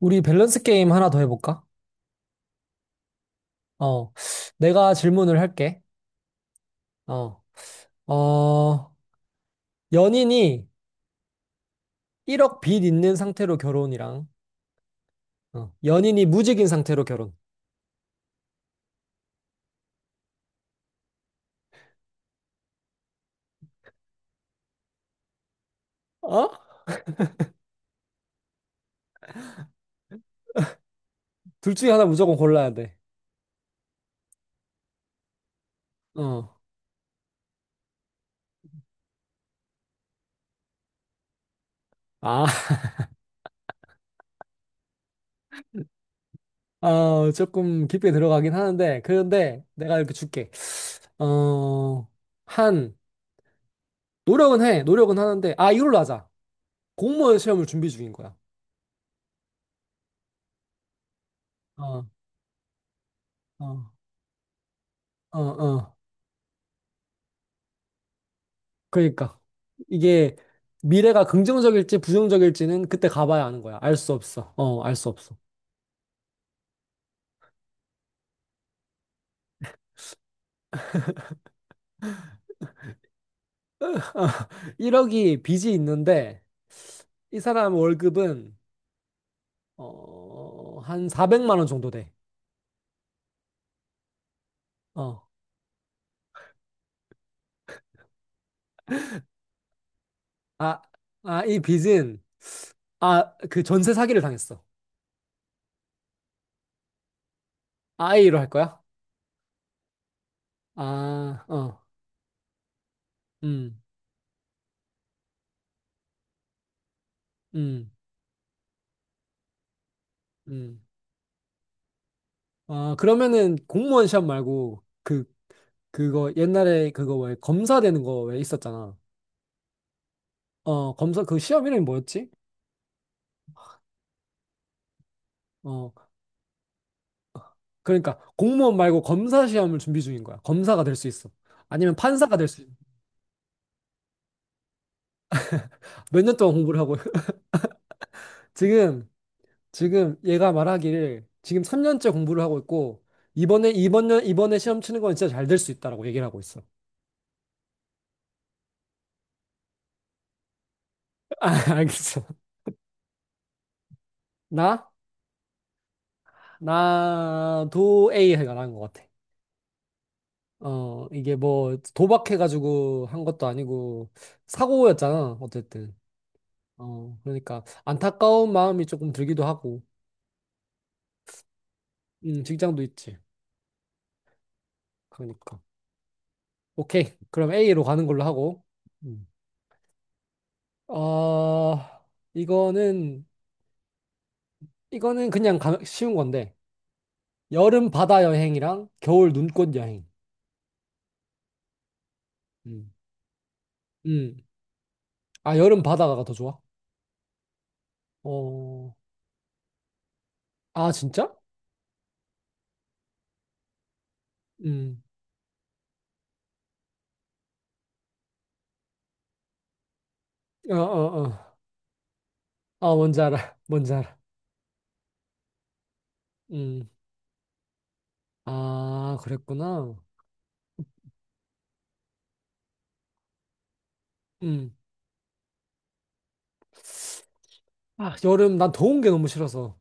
우리 밸런스 게임 하나 더 해볼까? 어, 내가 질문을 할게. 어, 어, 연인이 1억 빚 있는 상태로 결혼이랑, 어, 연인이 무직인 상태로 결혼. 어? 둘 중에 하나 무조건 골라야 돼. 어, 아, 아, 조금 깊게 들어가긴 하는데, 그런데 내가 이렇게 줄게. 어, 한, 노력은 해. 노력은 하는데, 아, 이걸로 하자. 공무원 시험을 준비 중인 거야. 어, 어, 어, 어. 그러니까 이게 미래가 긍정적일지 부정적일지는 그때 가봐야 아는 거야. 알 수 없어. 어, 알 수 없어. 1억이 빚이 있는데 이 사람 월급은 어, 한 400만 원 정도 돼. 어. 아, 아, 이 빚은 아, 그 전세 사기를 당했어. 아이로 할 거야? 아, 어. 음. 음. 음. 아, 그러면은 공무원 시험 말고 그 그거 옛날에 그거 왜 검사 되는 거 왜 있었잖아. 어, 검사 그 시험 이름이 뭐였지? 어, 그러니까 공무원 말고 검사 시험을 준비 중인 거야. 검사가 될 수 있어. 아니면 판사가 될 수 있어. 몇 년 동안 공부를 하고 지금 지금 얘가 말하기를 지금 3년째 공부를 하고 있고 이번에 이번 년 이번에 시험 치는 건 진짜 잘 될 수 있다라고 얘기를 하고 있어. 아, 알겠어. 나 나도 A 해가 난 것 같아. 어, 이게 뭐 도박해가지고 한 것도 아니고 사고였잖아. 어쨌든. 어, 그러니까 안타까운 마음이 조금 들기도 하고. 직장도 있지. 그러니까. 오케이. 그럼 A로 가는 걸로 하고. 음. 어, 이거는, 이거는 그냥 쉬운 건데. 여름 바다 여행이랑 겨울 눈꽃 여행. 음. 음. 아, 여름 바다가 더 좋아? 어, 아, 진짜? 음. 어, 어, 어. 아, 뭔지 알아. 뭔지 알아. 음. 아, 그랬구나. 음. 아, 여름, 난 더운 게 너무 싫어서.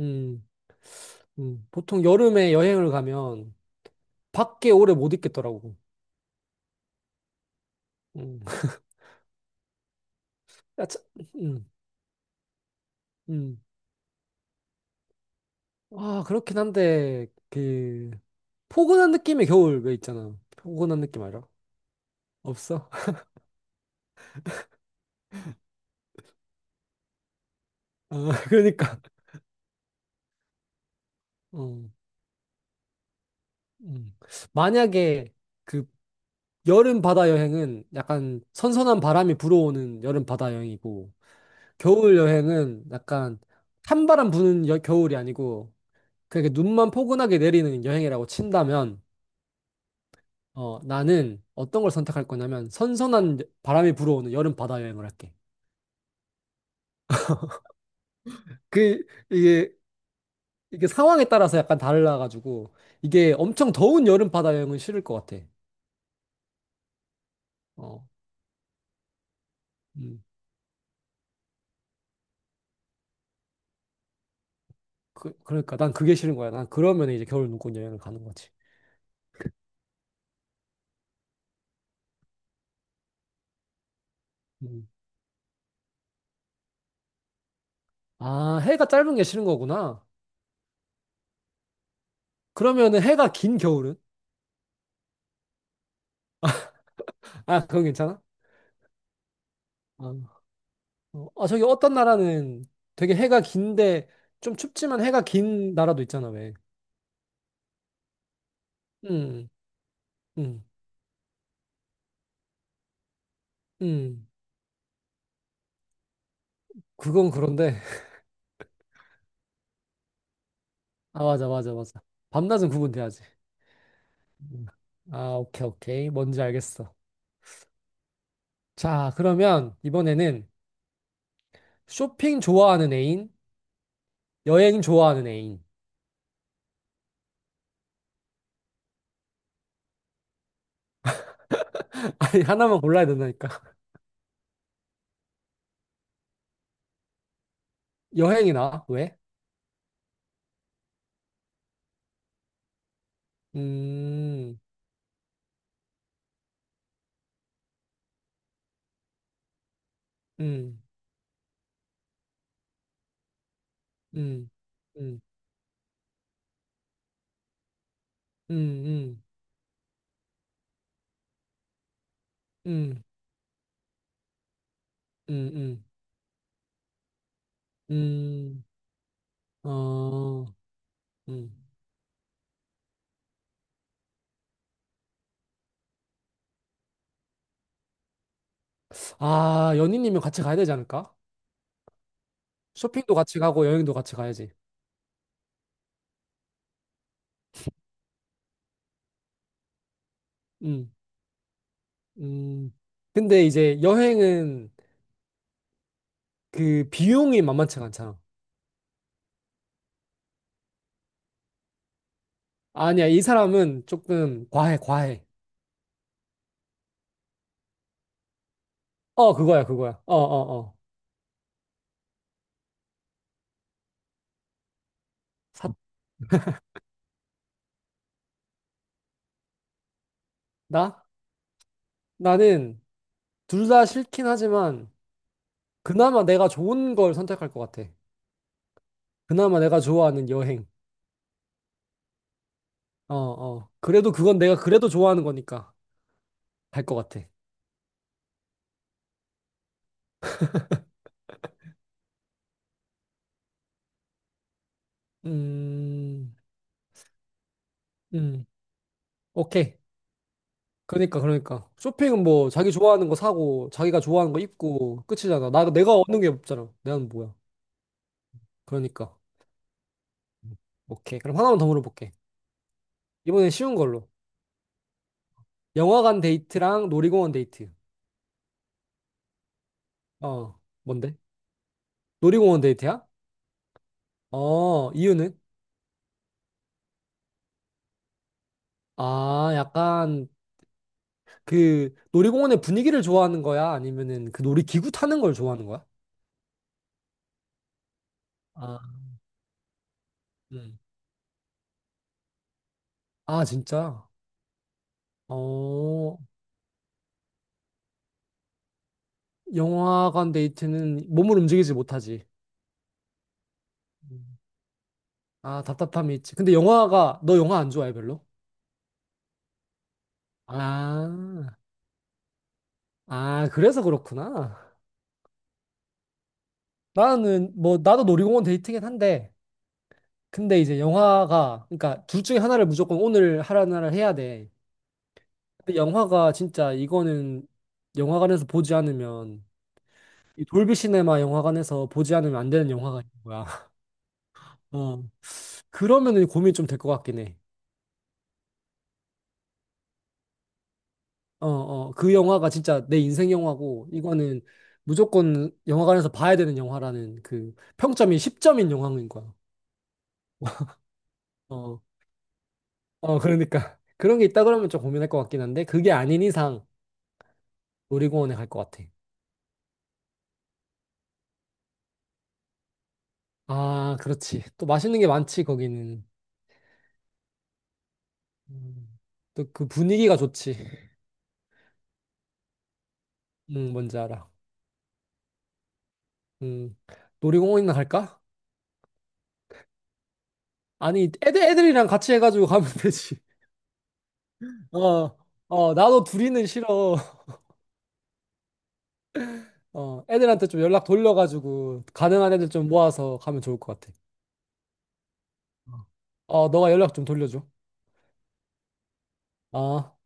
음. 음. 보통 여름에 여행을 가면 밖에 오래 못 있겠더라고. 음. 야, 차, 음, 음. 아, 그렇긴 한데, 그, 포근한 느낌의 겨울 왜 있잖아. 포근한 느낌 알아? 없어? 아, 그러니까. 어, 음. 만약에 그 여름 바다 여행은 약간 선선한 바람이 불어오는 여름 바다 여행이고, 겨울 여행은 약간 찬바람 부는 겨울이 아니고, 그렇게 눈만 포근하게 내리는 여행이라고 친다면, 어, 나는 어떤 걸 선택할 거냐면, 선선한 바람이 불어오는 여름 바다 여행을 할게. 그 이게 이게 상황에 따라서 약간 달라가지고 이게 엄청 더운 여름 바다 여행은 싫을 것 같아. 어, 음. 그러니까 난 그게 싫은 거야. 난 그러면 이제 겨울 눈꽃 여행을 가는 거지. 음. 아, 해가 짧은 게 싫은 거구나. 그러면은 해가 긴 겨울은? 아, 그건 괜찮아? 아, 어, 아, 저기 어떤 나라는 되게 해가 긴데 좀 춥지만 해가 긴 나라도 있잖아, 왜? 음, 음, 음. 그건 그런데. 아, 맞아, 맞아, 맞아. 밤낮은 구분돼야지. 아, 오케이, 오케이. 뭔지 알겠어. 자, 그러면 이번에는 쇼핑 좋아하는 애인, 여행 좋아하는 애인. 아니, 하나만 골라야 된다니까. 여행이나, 왜? 음, 음, 음, 음, 음, 음, 음, 음, 음, 음, 어, 음. 아, 연인이면 같이 가야 되지 않을까? 쇼핑도 같이 가고 여행도 같이 가야지. 음, 음. 근데 이제 여행은 그 비용이 만만치가 않잖아. 아니야, 이 사람은 조금 과해, 과해. 어, 그거야, 그거야. 어, 어, 어. 사, 나? 나는 둘 다 싫긴 하지만, 그나마 내가 좋은 걸 선택할 것 같아. 그나마 내가 좋아하는 여행. 어, 어. 그래도 그건 내가 그래도 좋아하는 거니까 갈 것 같아. 음, 음, 오케이. 그러니까, 그러니까. 쇼핑은 뭐, 자기 좋아하는 거 사고, 자기가 좋아하는 거 입고, 끝이잖아. 내가 얻는 게 없잖아. 내가 뭐야. 그러니까. 오케이. 그럼 하나만 더 물어볼게. 이번엔 쉬운 걸로. 영화관 데이트랑 놀이공원 데이트. 어, 뭔데? 놀이공원 데이트야? 어, 이유는? 아, 약간 그 놀이공원의 분위기를 좋아하는 거야? 아니면은 그 놀이기구 타는 걸 좋아하는 거야? 아, 음. 아, 진짜? 어, 영화관 데이트는 몸을 움직이지 못하지. 음. 아, 답답함이 있지. 근데 영화가, 너 영화 안 좋아해, 별로? 아, 아, 그래서 그렇구나. 나는, 뭐, 나도 놀이공원 데이트긴 한데, 근데 이제 영화가 그러니까 둘 중에 하나를 무조건 오늘 하라는 날을 해야 돼. 근데 영화가 진짜 이거는 영화관에서 보지 않으면 이 돌비 시네마 영화관에서 보지 않으면 안 되는 영화가 있는 거야. 어. 그러면은 고민 좀 될 것 같긴 해. 어, 어. 그 영화가 진짜 내 인생 영화고 이거는 무조건 영화관에서 봐야 되는 영화라는 그 평점이 10점인 영화인 거야. 어. 어, 그러니까 그런 게 있다 그러면 좀 고민할 것 같긴 한데 그게 아닌 이상 놀이공원에 갈 것 같아. 아, 그렇지. 또 맛있는 게 많지, 거기는. 음, 또 그 분위기가 좋지. 응, 뭔지 알아. 응. 놀이공원이나 갈까? 아니, 애들이랑 같이 해가지고 가면 되지. 어, 어, 나도 둘이는 싫어. 어, 애들한테 좀 연락 돌려가지고, 가능한 애들 좀 모아서 가면 좋을 것 같아. 어, 너가 연락 좀 돌려줘. 어.